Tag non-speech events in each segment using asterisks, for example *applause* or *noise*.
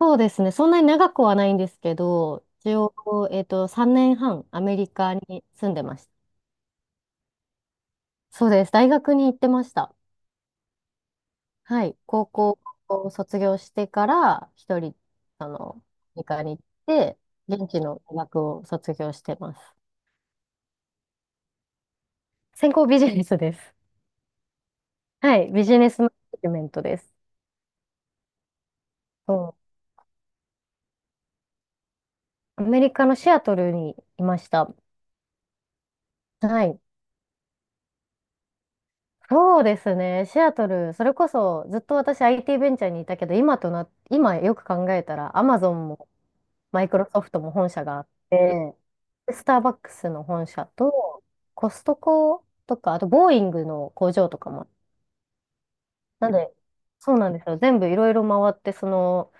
そうですね。そんなに長くはないんですけど、一応、3年半、アメリカに住んでました。そうです。大学に行ってました。はい。高校を卒業してから、一人、あの、アメリカに行って、現地の大学を卒業してます。専攻ビジネスです。はい。ビジネスマネジメントです。そう。アメリカのシアトルにいました。はい。そうですね。シアトル、それこそずっと私 IT ベンチャーにいたけど、今とな、今よく考えたら、アマゾンもマイクロソフトも本社があって、でスターバックスの本社と、コストコとか、あとボーイングの工場とかも。なんで、そうなんですよ。全部いろいろ回って、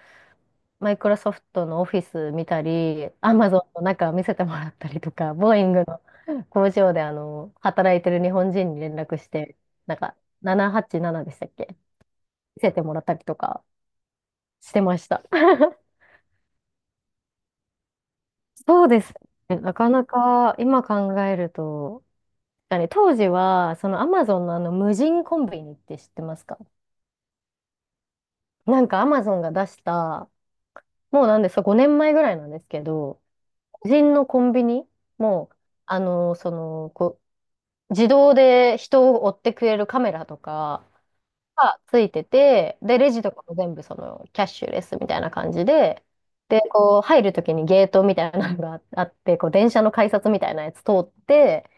マイクロソフトのオフィス見たり、アマゾンの中見せてもらったりとか、ボーイングの工場で働いてる日本人に連絡して、なんか787でしたっけ見せてもらったりとかしてました。*laughs* そうですね。なかなか今考えると、あれ、当時は、そのアマゾンのあの無人コンビニって知ってますか？なんかアマゾンが出した、もうなんですか、5年前ぐらいなんですけど、無人のコンビニもう、あの、その、こ自動で人を追ってくれるカメラとか、がついてて、で、レジとかも全部そのキャッシュレスみたいな感じで、で、こう入るときにゲートみたいなのがあ *laughs* って、電車の改札みたいなやつ通って、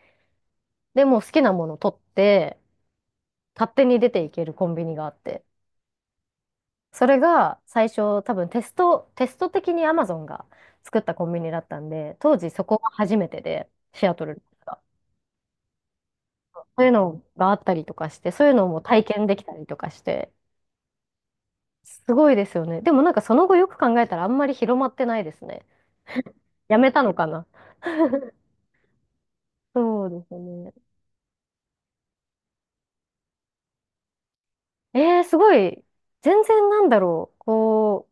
で、もう好きなもの取って、勝手に出ていけるコンビニがあって、それが最初多分テスト的に Amazon が作ったコンビニだったんで、当時そこが初めてで、シアトルが。そういうのがあったりとかして、そういうのも体験できたりとかして、すごいですよね。でもなんかその後よく考えたらあんまり広まってないですね。やめたのかな。そうですね。すごい。全然なんだろう。こ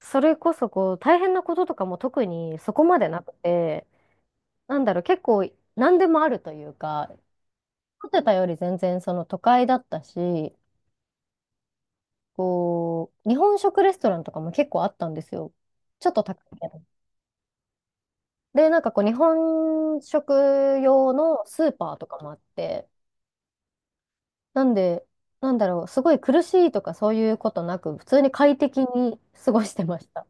う、それこそこう、大変なこととかも特にそこまでなくて、なんだろう、結構何でもあるというか、思ってたより全然その都会だったし、日本食レストランとかも結構あったんですよ。ちょっと高いけど。で、なんか日本食用のスーパーとかもあって、なんで、なんだろう、すごい苦しいとかそういうことなく、普通に快適に過ごしてました。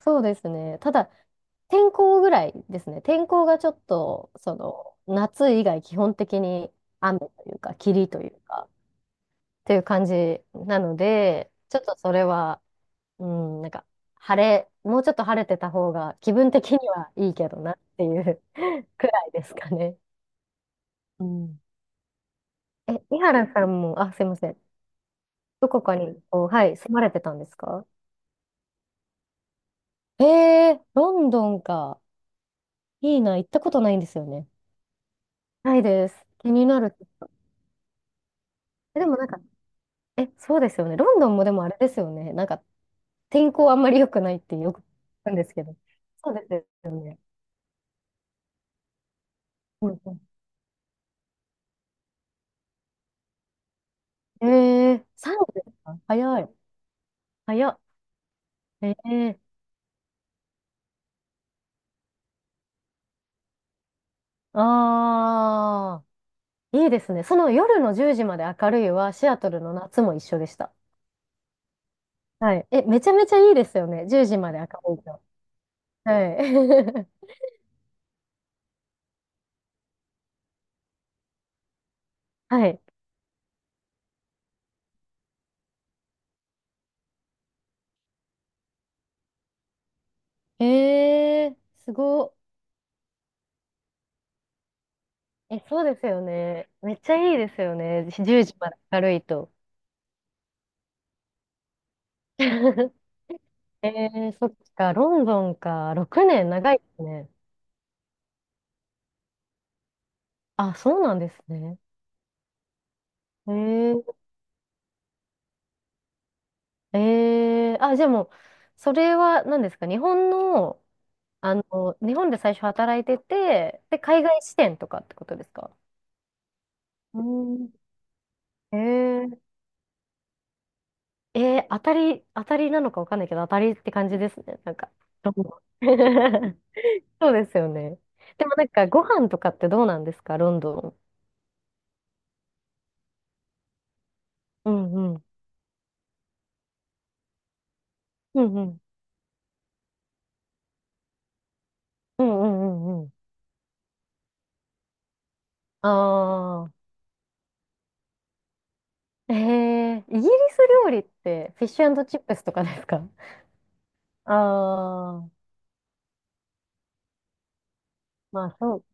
そうですね。ただ、天候ぐらいですね。天候がちょっと、夏以外基本的に雨というか、霧というか、っていう感じなので、ちょっとそれは、うん、なんか、もうちょっと晴れてた方が気分的にはいいけどなっていう *laughs* くらいですかね。うん。え、井原さんも、あ、すいません。どこかに、はい、住まれてたんですか？ええー、ロンドンか。いいな、行ったことないんですよね。ないです。気になる。え、でもなんか、え、そうですよね。ロンドンもでもあれですよね。なんか、天候あんまり良くないってよく聞くんですけど。そうですよね。うんうん、3度ですか？早い。早っ。えー、あー、いいですね。その夜の10時まで明るいは、シアトルの夏も一緒でした。はい。え、めちゃめちゃいいですよね。10時まで明るいと。はい。*laughs* はい。えー、すごっ。え、そうですよね。めっちゃいいですよね。10時まで明るいと。*laughs* えそっか、ロンドンか。6年長いですね。あ、そうなんですね。えー、あ、じゃあもう、それは何ですか？日本の、あの、日本で最初働いてて、で、海外支店とかってことですか？うん。えー当たりなのかわかんないけど、当たりって感じですね。なんか。ロンドン *laughs* そうですよね。でもなんか、ご飯とかってどうなんですか、ロンドン。うんうん。うんうん。うんうんうんうん。ああ。イギリス料理ってフィッシュチップスとかですか？ああ、まあそう、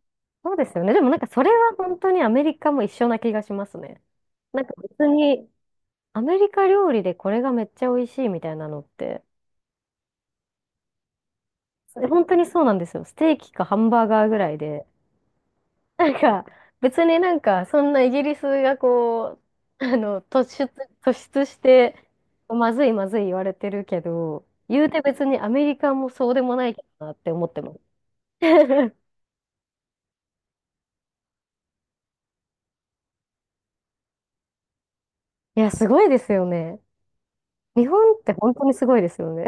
そうですよね。でもなんかそれは本当にアメリカも一緒な気がしますね。なんか別にアメリカ料理でこれがめっちゃ美味しいみたいなのって本当にそうなんですよ。ステーキかハンバーガーぐらいで。なんか、別になんか、そんなイギリスがう、あの、突出、突出して、まずいまずい言われてるけど、言うて別にアメリカもそうでもないけどなって思ってます。*laughs* いや、すごいですよね。日本って本当にすごいですよね。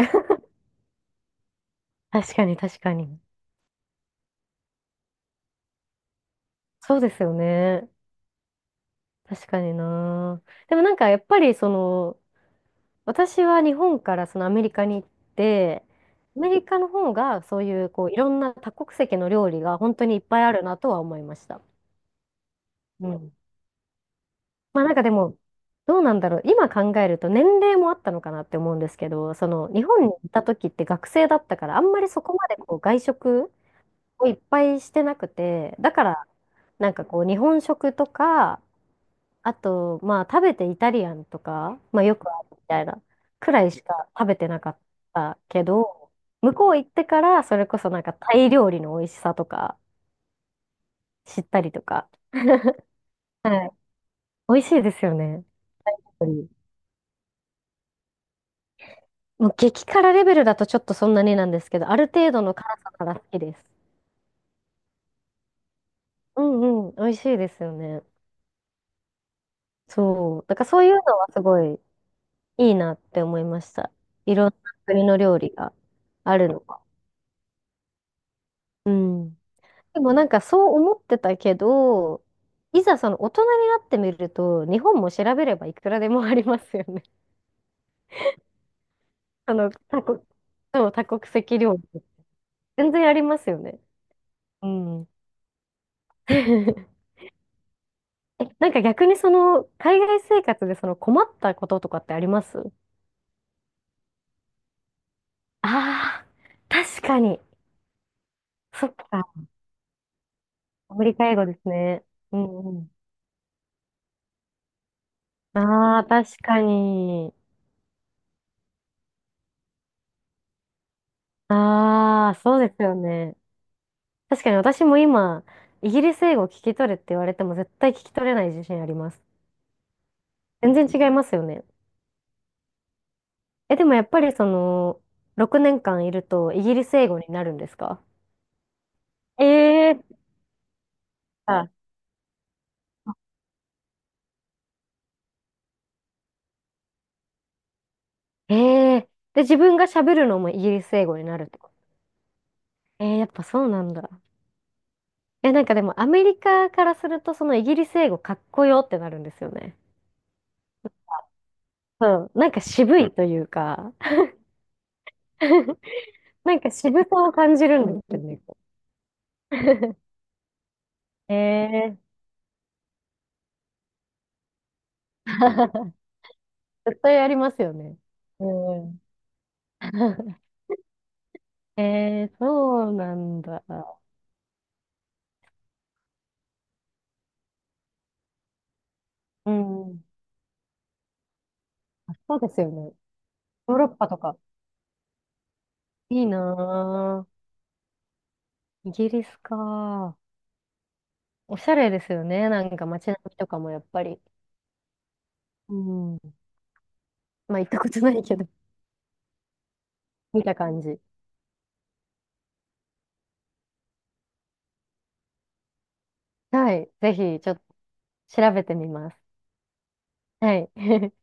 *laughs* 確かに、確かに。そうですよね。確かにな。でもなんか、やっぱり私は日本からそのアメリカに行って、アメリカの方がそういう、いろんな多国籍の料理が本当にいっぱいあるなとは思いました。うん。まあなんかでも、どうなんだろう。今考えると年齢もあったのかなって思うんですけど、その日本にいた時って学生だったから、あんまりそこまで外食をいっぱいしてなくて、だからなんか日本食とか、あと、まあ、食べてイタリアンとか、まあ、よくあるみたいな、くらいしか食べてなかったけど、向こう行ってから、それこそなんかタイ料理の美味しさとか、知ったりとか、はい。美味しいですよね。やっぱりもう激辛レベルだとちょっとそんなになんですけど、ある程度の辛さなら好きです。うんうん、美味しいですよね。そう。だからそういうのはすごいいいなって思いました。いろんな国の料理があるのが。うん。でもなんかそう思ってたけど、いざその大人になってみると、日本も調べればいくらでもありますよね。*laughs* あの、多国、そう多国籍料理。全然ありますよね。うん。*laughs* え、なんか逆に海外生活でその困ったこととかってありますああー、確かに。そっか。アメリカ英語ですね。うんうん。ああ、確かに。ああ、そうですよね。確かに私も今、イギリス英語を聞き取れって言われても絶対聞き取れない自信あります。全然違いますよね。え、でもやっぱり6年間いるとイギリス英語になるんですか？えー、あ、えー、で、自分が喋るのもイギリス英語になるってこと。やっぱそうなんだ。え、なんかでもアメリカからするとそのイギリス英語かっこよってなるんですよね。そう、なんか渋いというか、*laughs* なんか渋さを感じるんですよね。*laughs* えー絶対ありますよね。うん。*laughs* そうなんだ。うん。そうですよね。ヨーロッパとか。いいなぁ。イギリスか。おしゃれですよね。なんか街並みとかもやっぱり。うん。まあ行ったことないけど、見た感じ。はい。ぜひ、ちょっと調べてみます。はい。*laughs*